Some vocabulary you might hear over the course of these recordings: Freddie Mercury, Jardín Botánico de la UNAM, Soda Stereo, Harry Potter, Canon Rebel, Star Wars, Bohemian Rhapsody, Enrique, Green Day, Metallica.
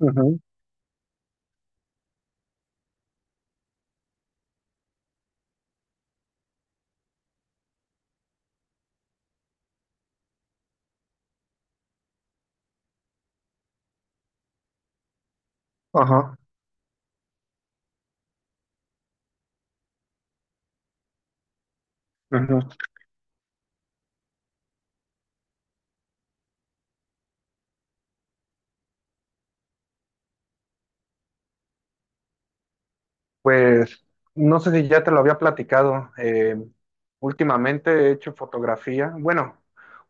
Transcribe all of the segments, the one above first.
Ujú, ajá, ujú. Pues no sé si ya te lo había platicado. Últimamente he hecho fotografía. Bueno,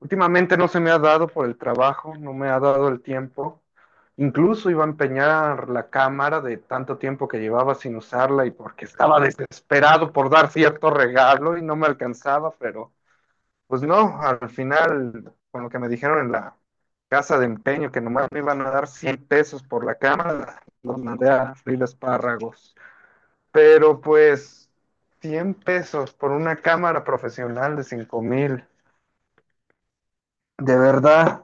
últimamente no se me ha dado por el trabajo, no me ha dado el tiempo. Incluso iba a empeñar la cámara de tanto tiempo que llevaba sin usarla y porque estaba desesperado por dar cierto regalo y no me alcanzaba, pero pues no, al final, con lo que me dijeron en la casa de empeño, que nomás me iban a dar 100 pesos por la cámara, los mandé a freír espárragos. Pero pues, 100 pesos por una cámara profesional de 5000, de verdad.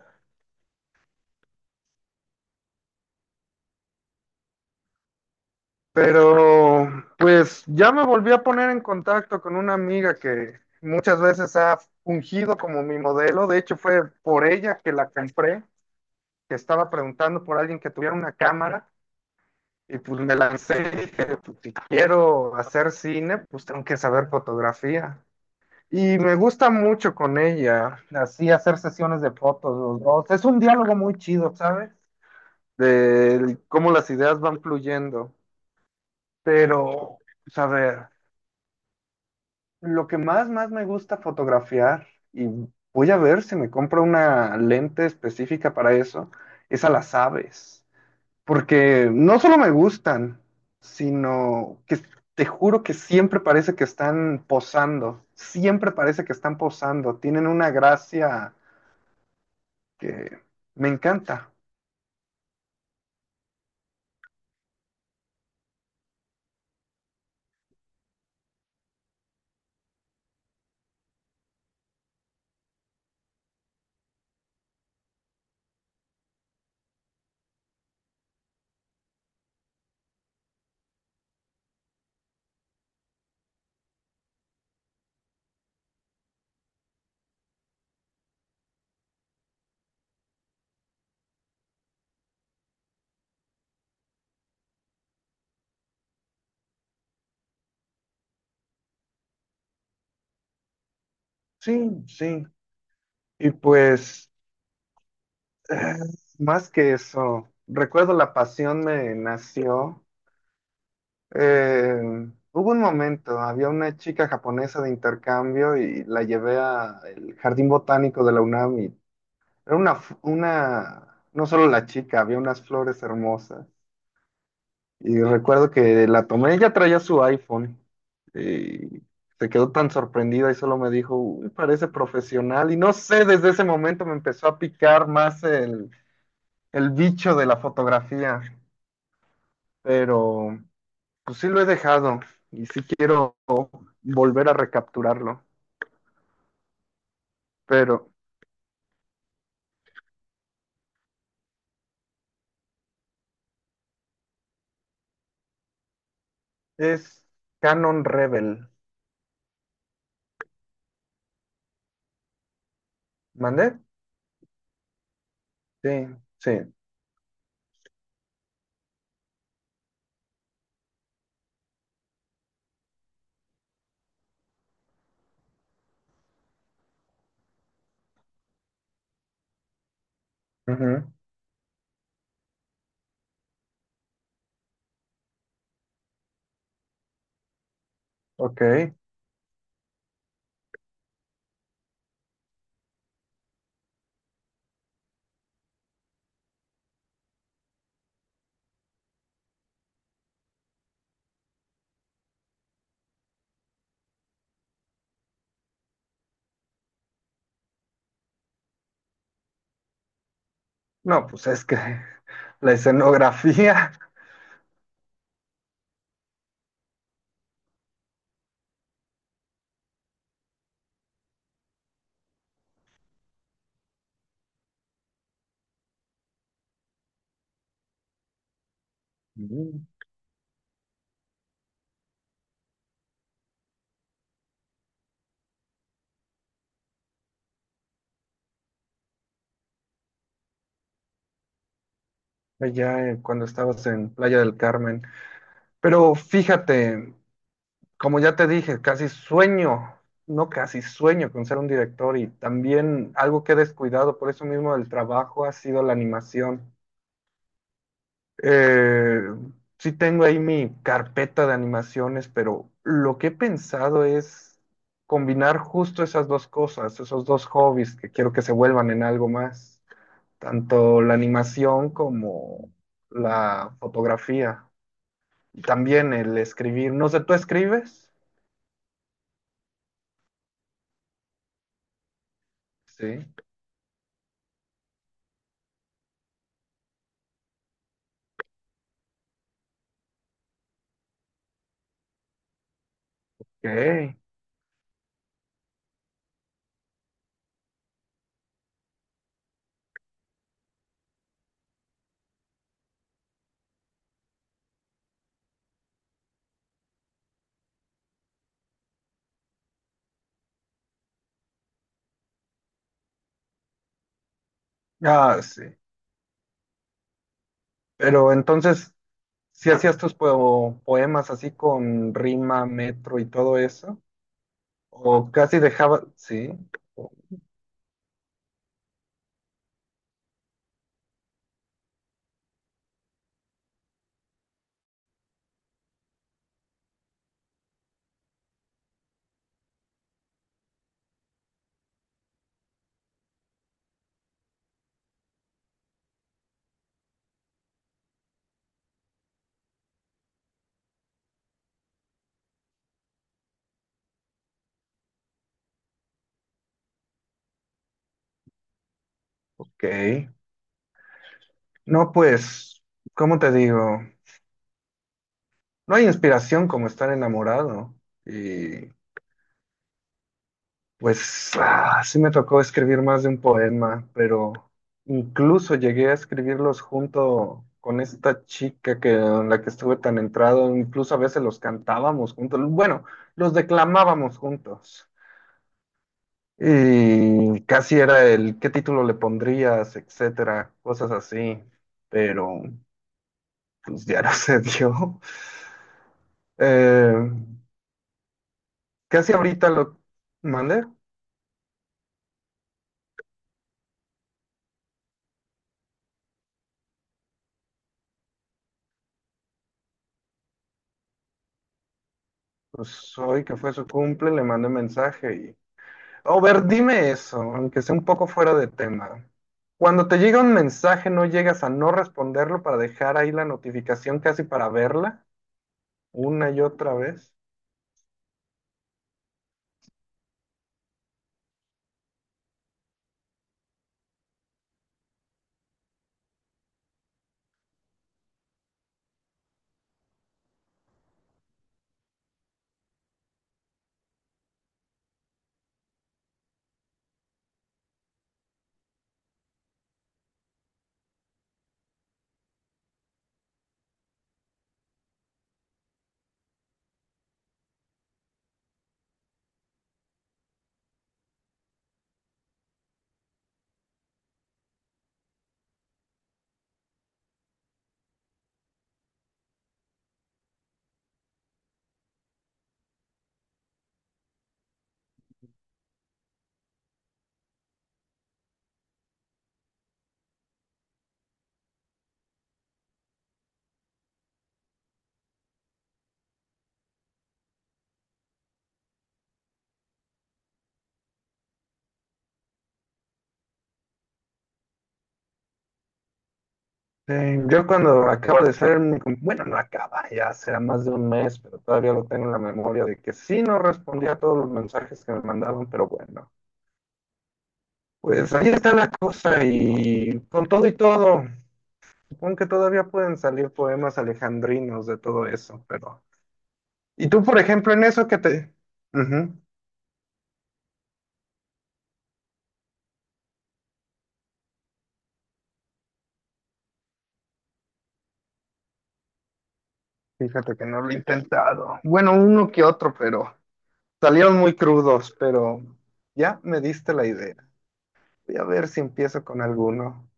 Pero pues ya me volví a poner en contacto con una amiga que muchas veces ha fungido como mi modelo. De hecho, fue por ella que la compré, que estaba preguntando por alguien que tuviera una cámara. Y pues me lancé y dije, pues, si quiero hacer cine, pues tengo que saber fotografía. Y me gusta mucho con ella, así hacer sesiones de fotos los dos. Es un diálogo muy chido, ¿sabes? De cómo las ideas van fluyendo. Pero, pues, a ver, lo que más, más me gusta fotografiar, y voy a ver si me compro una lente específica para eso, es a las aves. Porque no solo me gustan, sino que te juro que siempre parece que están posando, siempre parece que están posando, tienen una gracia que me encanta. Sí, sí. Y pues, eh, más que eso, recuerdo la pasión me nació. Eh, hubo un momento, había una chica japonesa de intercambio y la llevé al Jardín Botánico de la UNAM. Y era una, una, no solo la chica, había unas flores hermosas. Y recuerdo que la tomé, ella traía su iPhone. Y se quedó tan sorprendida y solo me dijo, uy, parece profesional. Y no sé, desde ese momento me empezó a picar más el bicho de la fotografía. Pero pues sí lo he dejado y sí quiero volver a recapturarlo. Pero es Canon Rebel. ¿Mandé? Sí, sí. Ujú. Ok. No, pues es que la escenografía. Mm. Allá cuando estabas en Playa del Carmen. Pero fíjate, como ya te dije, casi sueño, no casi sueño con ser un director y también algo que he descuidado por eso mismo del trabajo ha sido la animación. Eh, sí tengo ahí mi carpeta de animaciones, pero lo que he pensado es combinar justo esas dos cosas, esos dos hobbies que quiero que se vuelvan en algo más. Tanto la animación como la fotografía. Y también el escribir. No sé, ¿tú escribes? Sí. Ok. Ah, sí. Pero entonces, ¿si hacías tus poemas así con rima, metro y todo eso? ¿O casi dejaba? Sí. Ok. No, pues, ¿cómo te digo? No hay inspiración como estar enamorado. Y pues ah, sí me tocó escribir más de un poema, pero incluso llegué a escribirlos junto con esta chica que, en la que estuve tan entrado, incluso a veces los cantábamos juntos, bueno, los declamábamos juntos. Y casi era el qué título le pondrías, etcétera, cosas así, pero pues ya no se dio. Eh, casi ahorita lo mandé, pues hoy que fue su cumple, le mandé mensaje. O ver, dime eso, aunque sea un poco fuera de tema. Cuando te llega un mensaje, ¿no llegas a no responderlo para dejar ahí la notificación casi para verla una y otra vez? Yo cuando acabo de ser, mi bueno, no acaba, ya será más de un mes, pero todavía lo tengo en la memoria de que sí no respondía a todos los mensajes que me mandaban, pero bueno, pues ahí está la cosa y con todo y todo, supongo que todavía pueden salir poemas alejandrinos de todo eso, pero... Y tú, por ejemplo, en eso que te... Ujú. Fíjate que no lo he intentado. Bueno, uno que otro, pero salieron muy crudos, pero ya me diste la idea. Voy a ver si empiezo con alguno.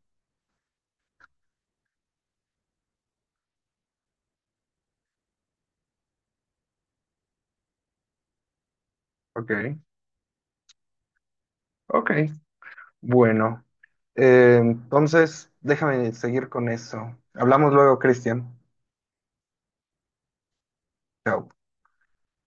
Ok, ok. Bueno, entonces déjame seguir con eso. Hablamos luego, Cristian. Chao.